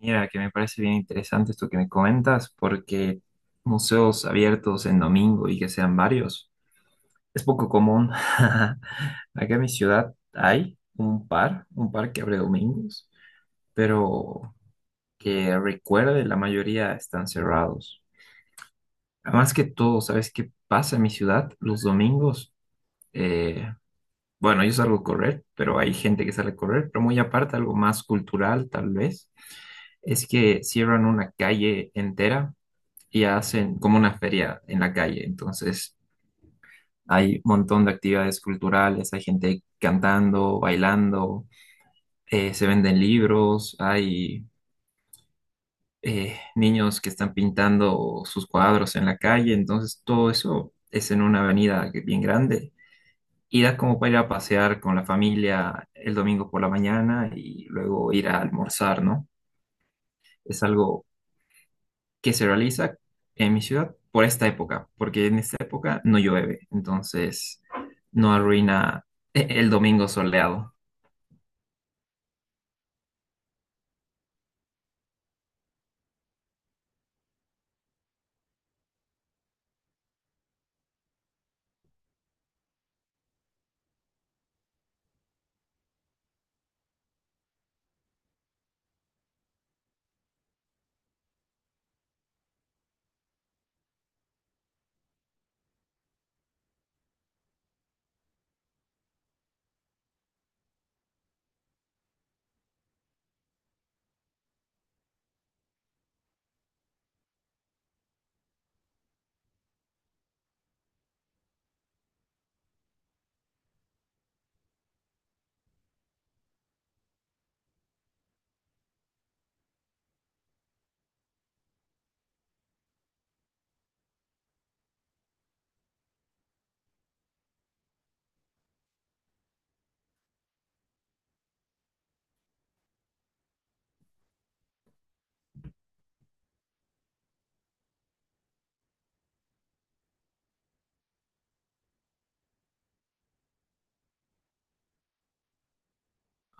Mira, que me parece bien interesante esto que me comentas, porque museos abiertos en domingo y que sean varios es poco común. Acá en mi ciudad hay un par que abre domingos, pero que recuerde la mayoría están cerrados. Además que todo, ¿sabes qué pasa en mi ciudad? Los domingos, eh, bueno, yo salgo a correr, pero hay gente que sale a correr, pero muy aparte, algo más cultural tal vez es que cierran una calle entera y hacen como una feria en la calle. Entonces hay un montón de actividades culturales, hay gente cantando, bailando, se venden libros, hay niños que están pintando sus cuadros en la calle. Entonces todo eso es en una avenida bien grande. Y da como para ir a pasear con la familia el domingo por la mañana y luego ir a almorzar, ¿no? Es algo que se realiza en mi ciudad por esta época, porque en esta época no llueve, entonces no arruina el domingo soleado.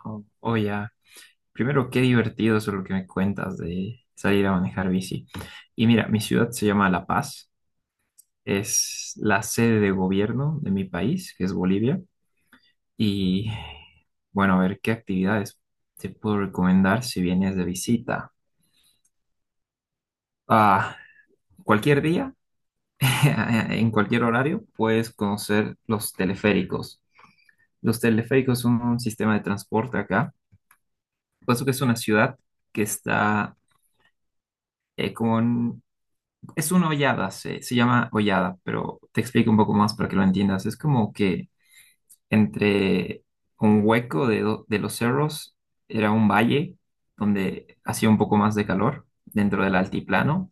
Oh, oh, ya. Primero, qué divertido eso lo que me cuentas de salir a manejar bici. Y mira, mi ciudad se llama La Paz, es la sede de gobierno de mi país, que es Bolivia. Y bueno, a ver qué actividades te puedo recomendar si vienes de visita. Ah, cualquier día. En cualquier horario, puedes conocer los teleféricos. Los teleféricos son un sistema de transporte acá, puesto que es una ciudad que está con... Es una hollada, se llama hollada, pero te explico un poco más para que lo entiendas. Es como que entre un hueco de, de los cerros era un valle donde hacía un poco más de calor dentro del altiplano.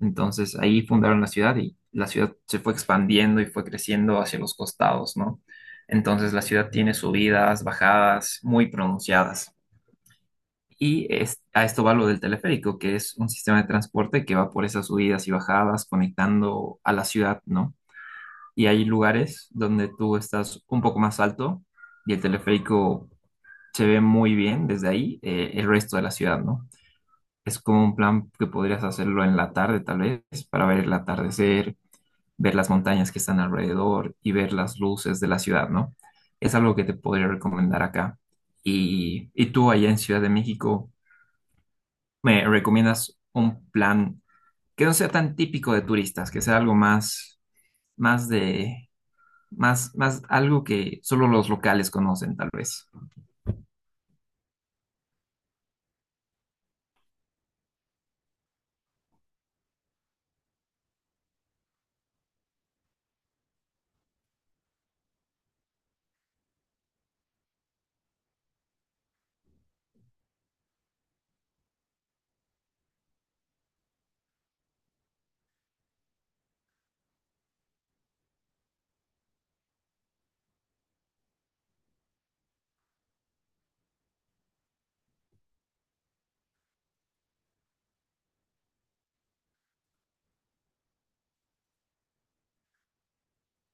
Entonces ahí fundaron la ciudad y la ciudad se fue expandiendo y fue creciendo hacia los costados, ¿no? Entonces la ciudad tiene subidas, bajadas muy pronunciadas. A esto va lo del teleférico, que es un sistema de transporte que va por esas subidas y bajadas conectando a la ciudad, ¿no? Y hay lugares donde tú estás un poco más alto y el teleférico se ve muy bien desde ahí, el resto de la ciudad, ¿no? Es como un plan que podrías hacerlo en la tarde, tal vez, para ver el atardecer, ver las montañas que están alrededor y ver las luces de la ciudad, ¿no? Es algo que te podría recomendar acá. Y tú allá en Ciudad de México, ¿me recomiendas un plan que no sea tan típico de turistas, que sea algo más, más de, más, más algo que solo los locales conocen, tal vez?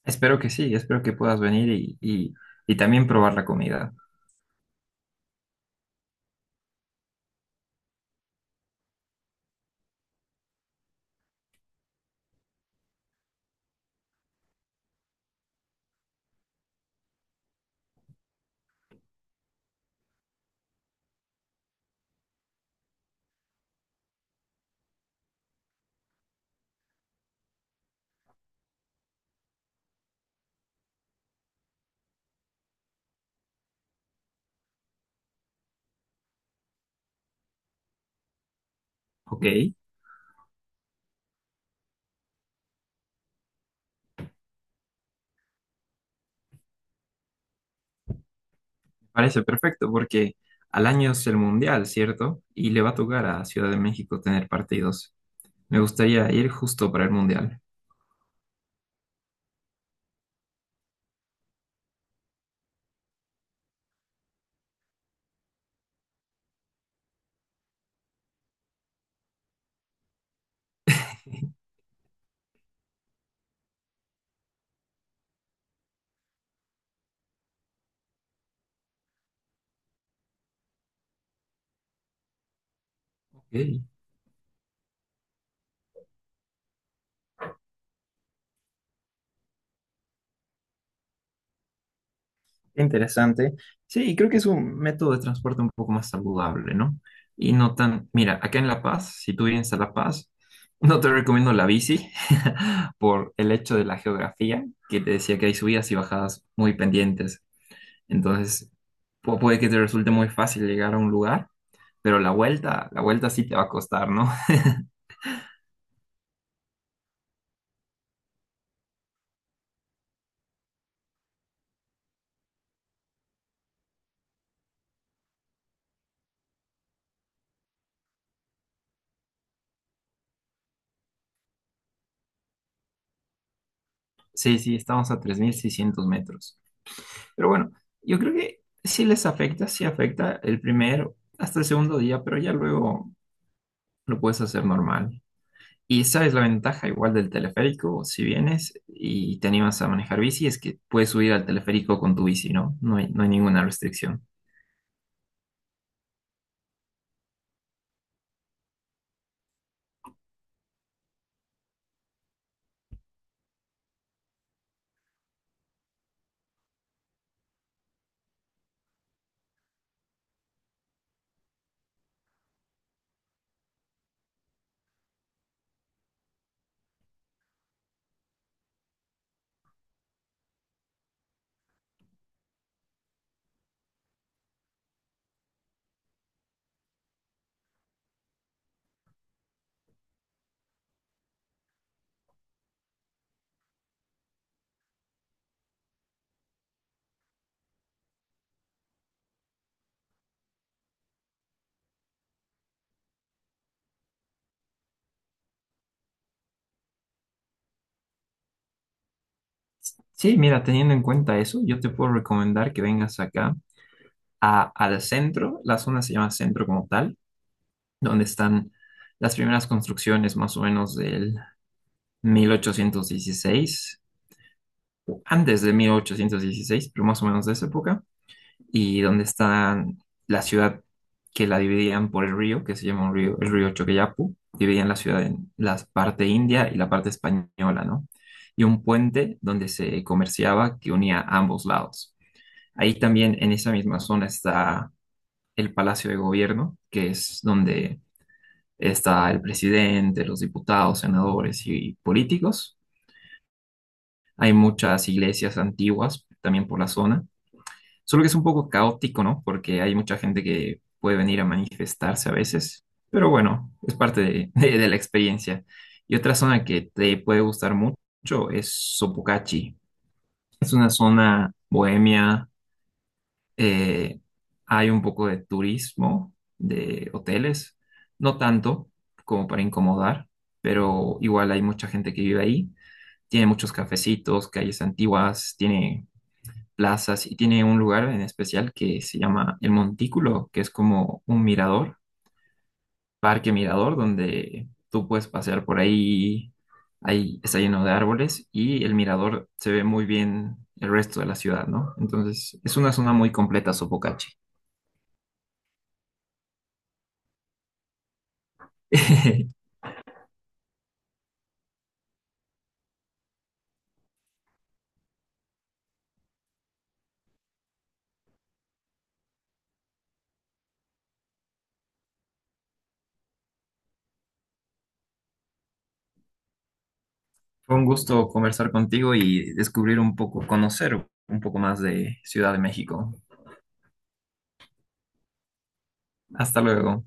Espero que sí, espero que puedas venir y también probar la comida. Ok, parece perfecto porque al año es el mundial, ¿cierto? Y le va a tocar a Ciudad de México tener partidos. Me gustaría ir justo para el mundial. Ok. Interesante. Sí, y creo que es un método de transporte un poco más saludable, ¿no? Y no tan, mira, acá en La Paz, si tú vienes a La Paz, no te recomiendo la bici por el hecho de la geografía, que te decía que hay subidas y bajadas muy pendientes. Entonces, puede que te resulte muy fácil llegar a un lugar, pero la vuelta sí te va a costar, ¿no? Sí, sí, estamos a 3600 metros. Pero bueno, yo creo que sí les afecta, sí afecta el primero hasta el segundo día, pero ya luego lo puedes hacer normal. Y esa es la ventaja igual del teleférico, si vienes y te animas a manejar bici, es que puedes subir al teleférico con tu bici, ¿no? No hay, no hay ninguna restricción. Sí, mira, teniendo en cuenta eso, yo te puedo recomendar que vengas acá al centro, la zona se llama centro como tal, donde están las primeras construcciones más o menos del 1816, antes de 1816, pero más o menos de esa época, y donde está la ciudad que la dividían por el río, que se llama un río, el río Choqueyapu, dividían la ciudad en la parte india y la parte española, ¿no? Y un puente donde se comerciaba que unía ambos lados. Ahí también en esa misma zona está el Palacio de Gobierno, que es donde está el presidente, los diputados, senadores y políticos. Hay muchas iglesias antiguas también por la zona. Solo que es un poco caótico, ¿no? Porque hay mucha gente que puede venir a manifestarse a veces, pero bueno, es parte de, de la experiencia. Y otra zona que te puede gustar mucho es Sopocachi. Es una zona bohemia, eh, hay un poco de turismo, de hoteles, no tanto como para incomodar, pero igual hay mucha gente que vive ahí. Tiene muchos cafecitos, calles antiguas, tiene plazas y tiene un lugar en especial que se llama El Montículo, que es como un mirador, parque mirador, donde tú puedes pasear por ahí, ahí está lleno de árboles y el mirador se ve muy bien el resto de la ciudad, ¿no? Entonces, es una zona muy completa, Sopocachi. Fue un gusto conversar contigo y descubrir un poco, conocer un poco más de Ciudad de México. Hasta luego.